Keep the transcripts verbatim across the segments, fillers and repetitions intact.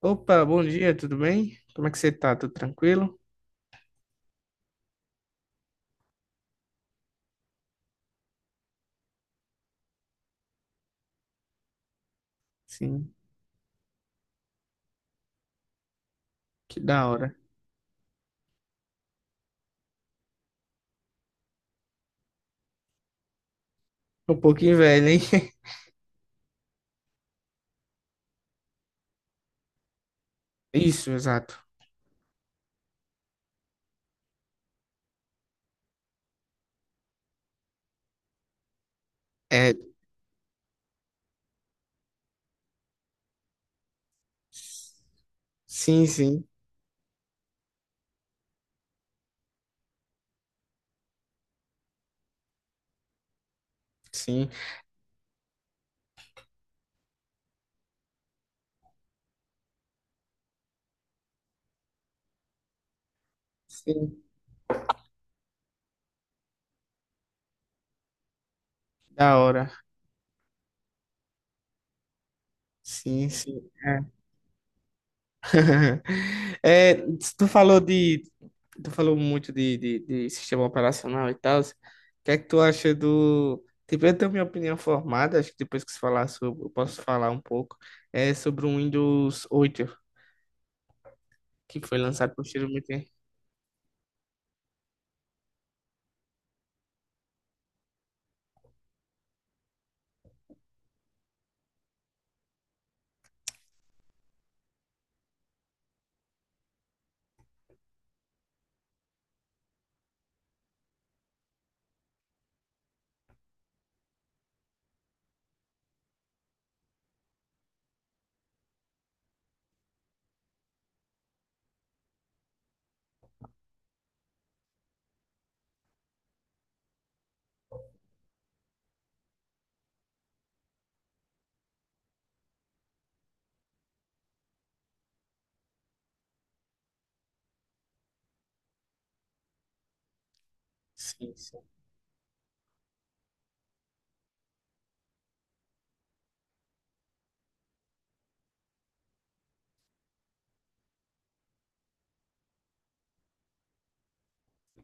Opa, bom dia, tudo bem? Como é que você tá? Tudo tranquilo? Sim, que da hora. Um pouquinho velho, hein? Isso, exato. É, sim, sim, sim, sim, da hora. Sim, sim. É. É, tu falou de, tu falou muito de, de, de sistema operacional e tal. O que é que tu acha do? Tipo, eu tenho minha opinião formada, acho que depois que você falar sobre, eu posso falar um pouco, é sobre o Windows oito, que foi lançado posteriormente. Sim, sim.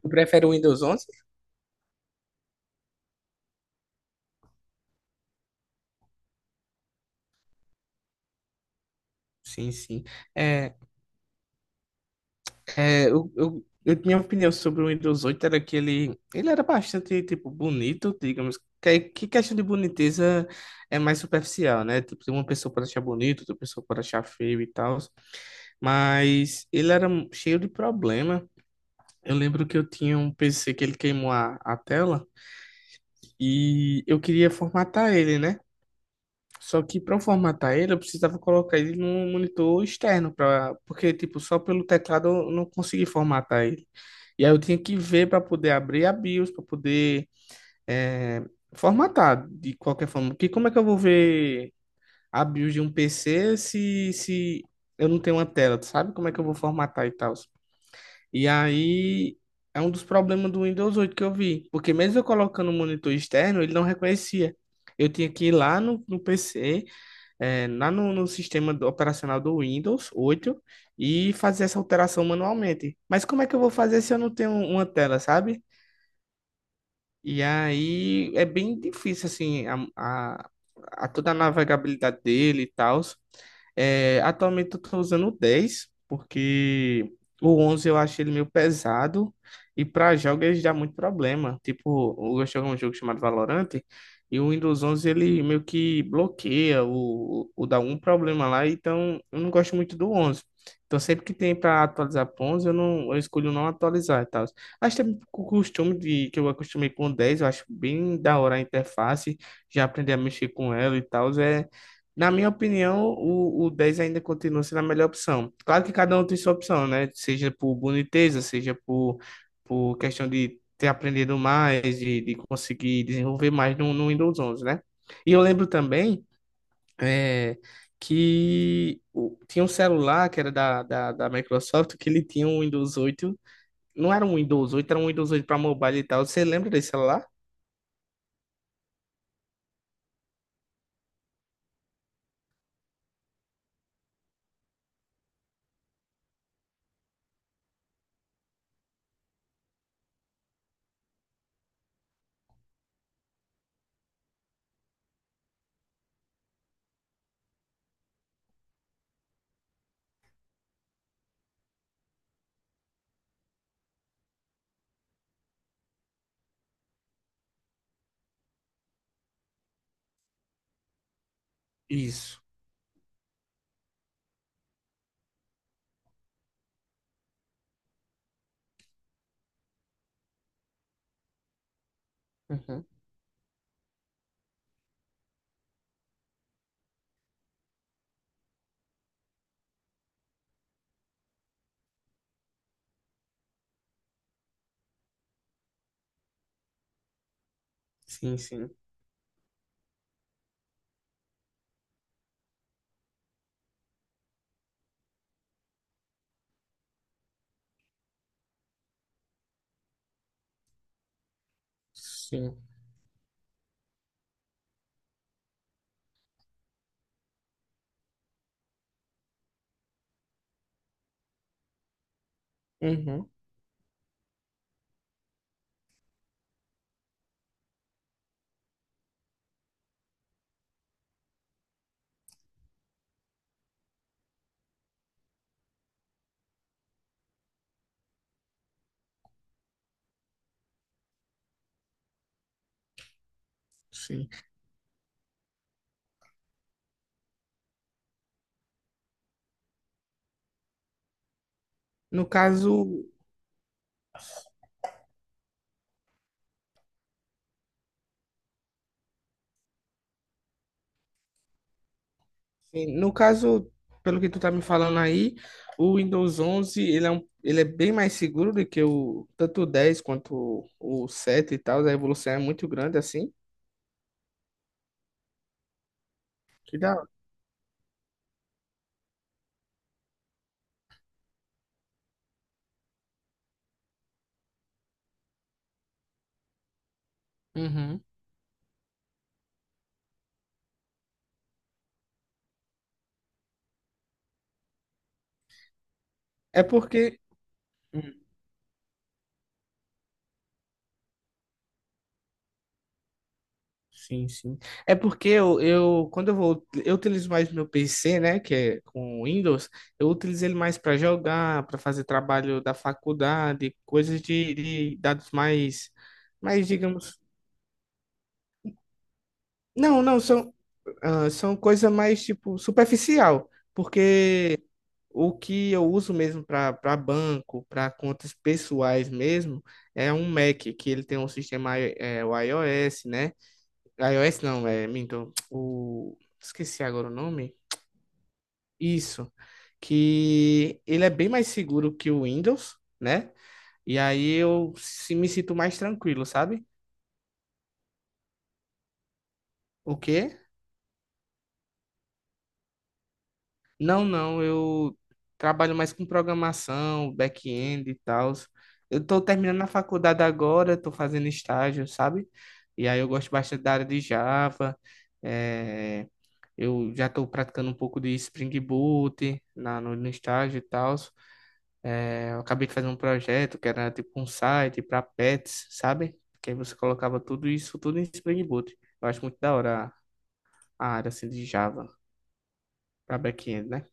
Tu prefere o Windows onze? Sim, sim. É, é, eu, eu, eu- minha opinião sobre o Windows oito era que ele, ele era bastante, tipo, bonito, digamos. Que, que questão de boniteza é mais superficial, né? Tipo, uma pessoa pode achar bonito, outra pessoa pode achar feio e tal. Mas ele era cheio de problema. Eu lembro que eu tinha um P C que ele queimou a, a tela e eu queria formatar ele, né? Só que para eu formatar ele, eu precisava colocar ele num monitor externo, pra, porque, tipo, só pelo teclado eu não consegui formatar ele. E aí eu tinha que ver para poder abrir a BIOS, para poder eh, formatar de qualquer forma. Porque como é que eu vou ver a BIOS de um P C se, se eu não tenho uma tela, tu sabe? Como é que eu vou formatar e tal? E aí é um dos problemas do Windows oito que eu vi, porque mesmo eu colocando um monitor externo, ele não reconhecia. Eu tinha que ir lá no, no P C é, lá no, no sistema do- operacional do Windows oito e fazer essa alteração manualmente. Mas como é que eu vou fazer se eu não tenho uma tela, sabe? E aí é bem difícil, assim, a, a, a toda a navegabilidade dele e tal. É, atualmente eu tô usando o dez porque o onze eu acho ele meio pesado. E para jogos ele dá muito problema. Tipo, eu gosto de jogar um jogo chamado Valorant. E o Windows onze ele meio que bloqueia ou, ou dá algum problema lá. Então eu não gosto muito do onze. Então sempre que tem para atualizar pro onze eu, não, eu escolho não atualizar e tal. Acho também o costume de, que eu acostumei com dez, eu acho bem da hora a interface, já aprendi a mexer com ela e tal. É, na minha opinião, o, o dez ainda continua sendo a melhor opção. Claro que cada um tem sua opção, né? Seja por boniteza, seja por, por questão de ter aprendido mais, de, de conseguir desenvolver mais no, no Windows onze, né? E eu lembro também é, que o- tinha um celular que era da, da, da Microsoft que ele tinha um Windows oito, não era um Windows oito, era um Windows oito para mobile e tal. Você lembra desse celular? Isso. Uhum. Sim, sim. Sim. Uhum. Sim. No caso, sim, no caso, pelo que tu tá me falando aí, o Windows onze ele é um, ele é bem mais seguro do que o tanto o dez quanto o, o sete e tal. A evolução é muito grande assim. Que dá. Uhum. É porque hum, sim, sim. É porque eu, eu quando eu vou, eu utilizo mais meu P C, né, que é com Windows, eu utilizo ele mais para jogar, para fazer trabalho da faculdade, coisas de, de dados mais, mais, digamos, não, não, são, ah, são coisa mais, tipo, superficial, porque o que eu uso mesmo para para banco, para contas pessoais mesmo, é um Mac, que ele tem um sistema, i- é, o iOS, né, iOS não, é, minto, o... Esqueci agora o nome. Isso, que ele é bem mais seguro que o Windows, né? E aí eu se- me sinto mais tranquilo, sabe? O quê? Não, não, eu trabalho mais com programação, back-end e tal. Eu tô terminando a faculdade agora, tô fazendo estágio, sabe? E aí eu gosto bastante da área de Java, é... Eu já estou praticando um pouco de Spring Boot na, no, no estágio e tal. É, eu acabei de fazer um projeto que era tipo um site para pets, sabe? Que aí você colocava tudo isso, tudo em Spring Boot. Eu acho muito da hora a a área assim de Java para back-end, né?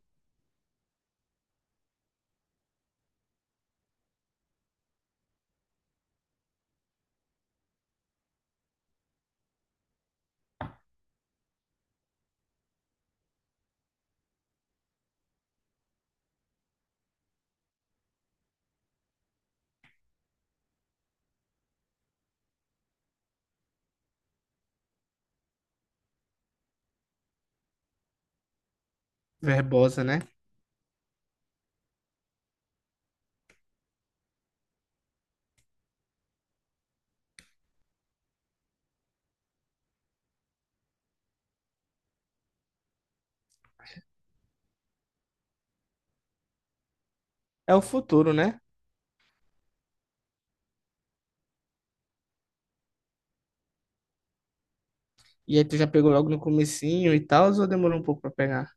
Verbosa, né? É o futuro, né? E aí tu já pegou logo no comecinho e tal, ou demorou um pouco para pegar?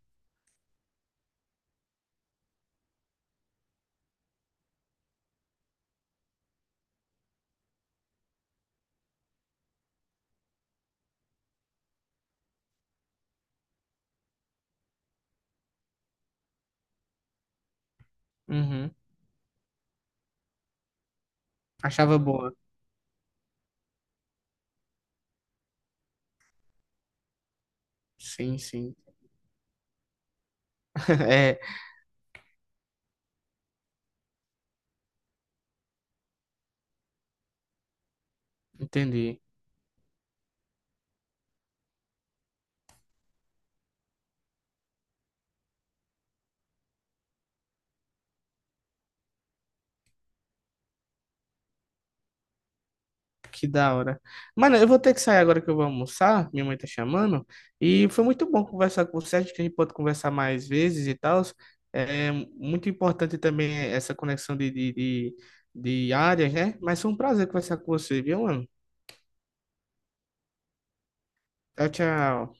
Uhum. Achava boa. Sim, sim. É, entendi. Que da hora. Mano, eu vou ter que sair agora que eu vou almoçar. Minha mãe tá chamando. E foi muito bom conversar com você. Acho que a gente pode conversar mais vezes e tal. É muito importante também essa conexão de, de, de, de áreas, né? Mas foi um prazer conversar com você, viu, mano? Tchau, tchau.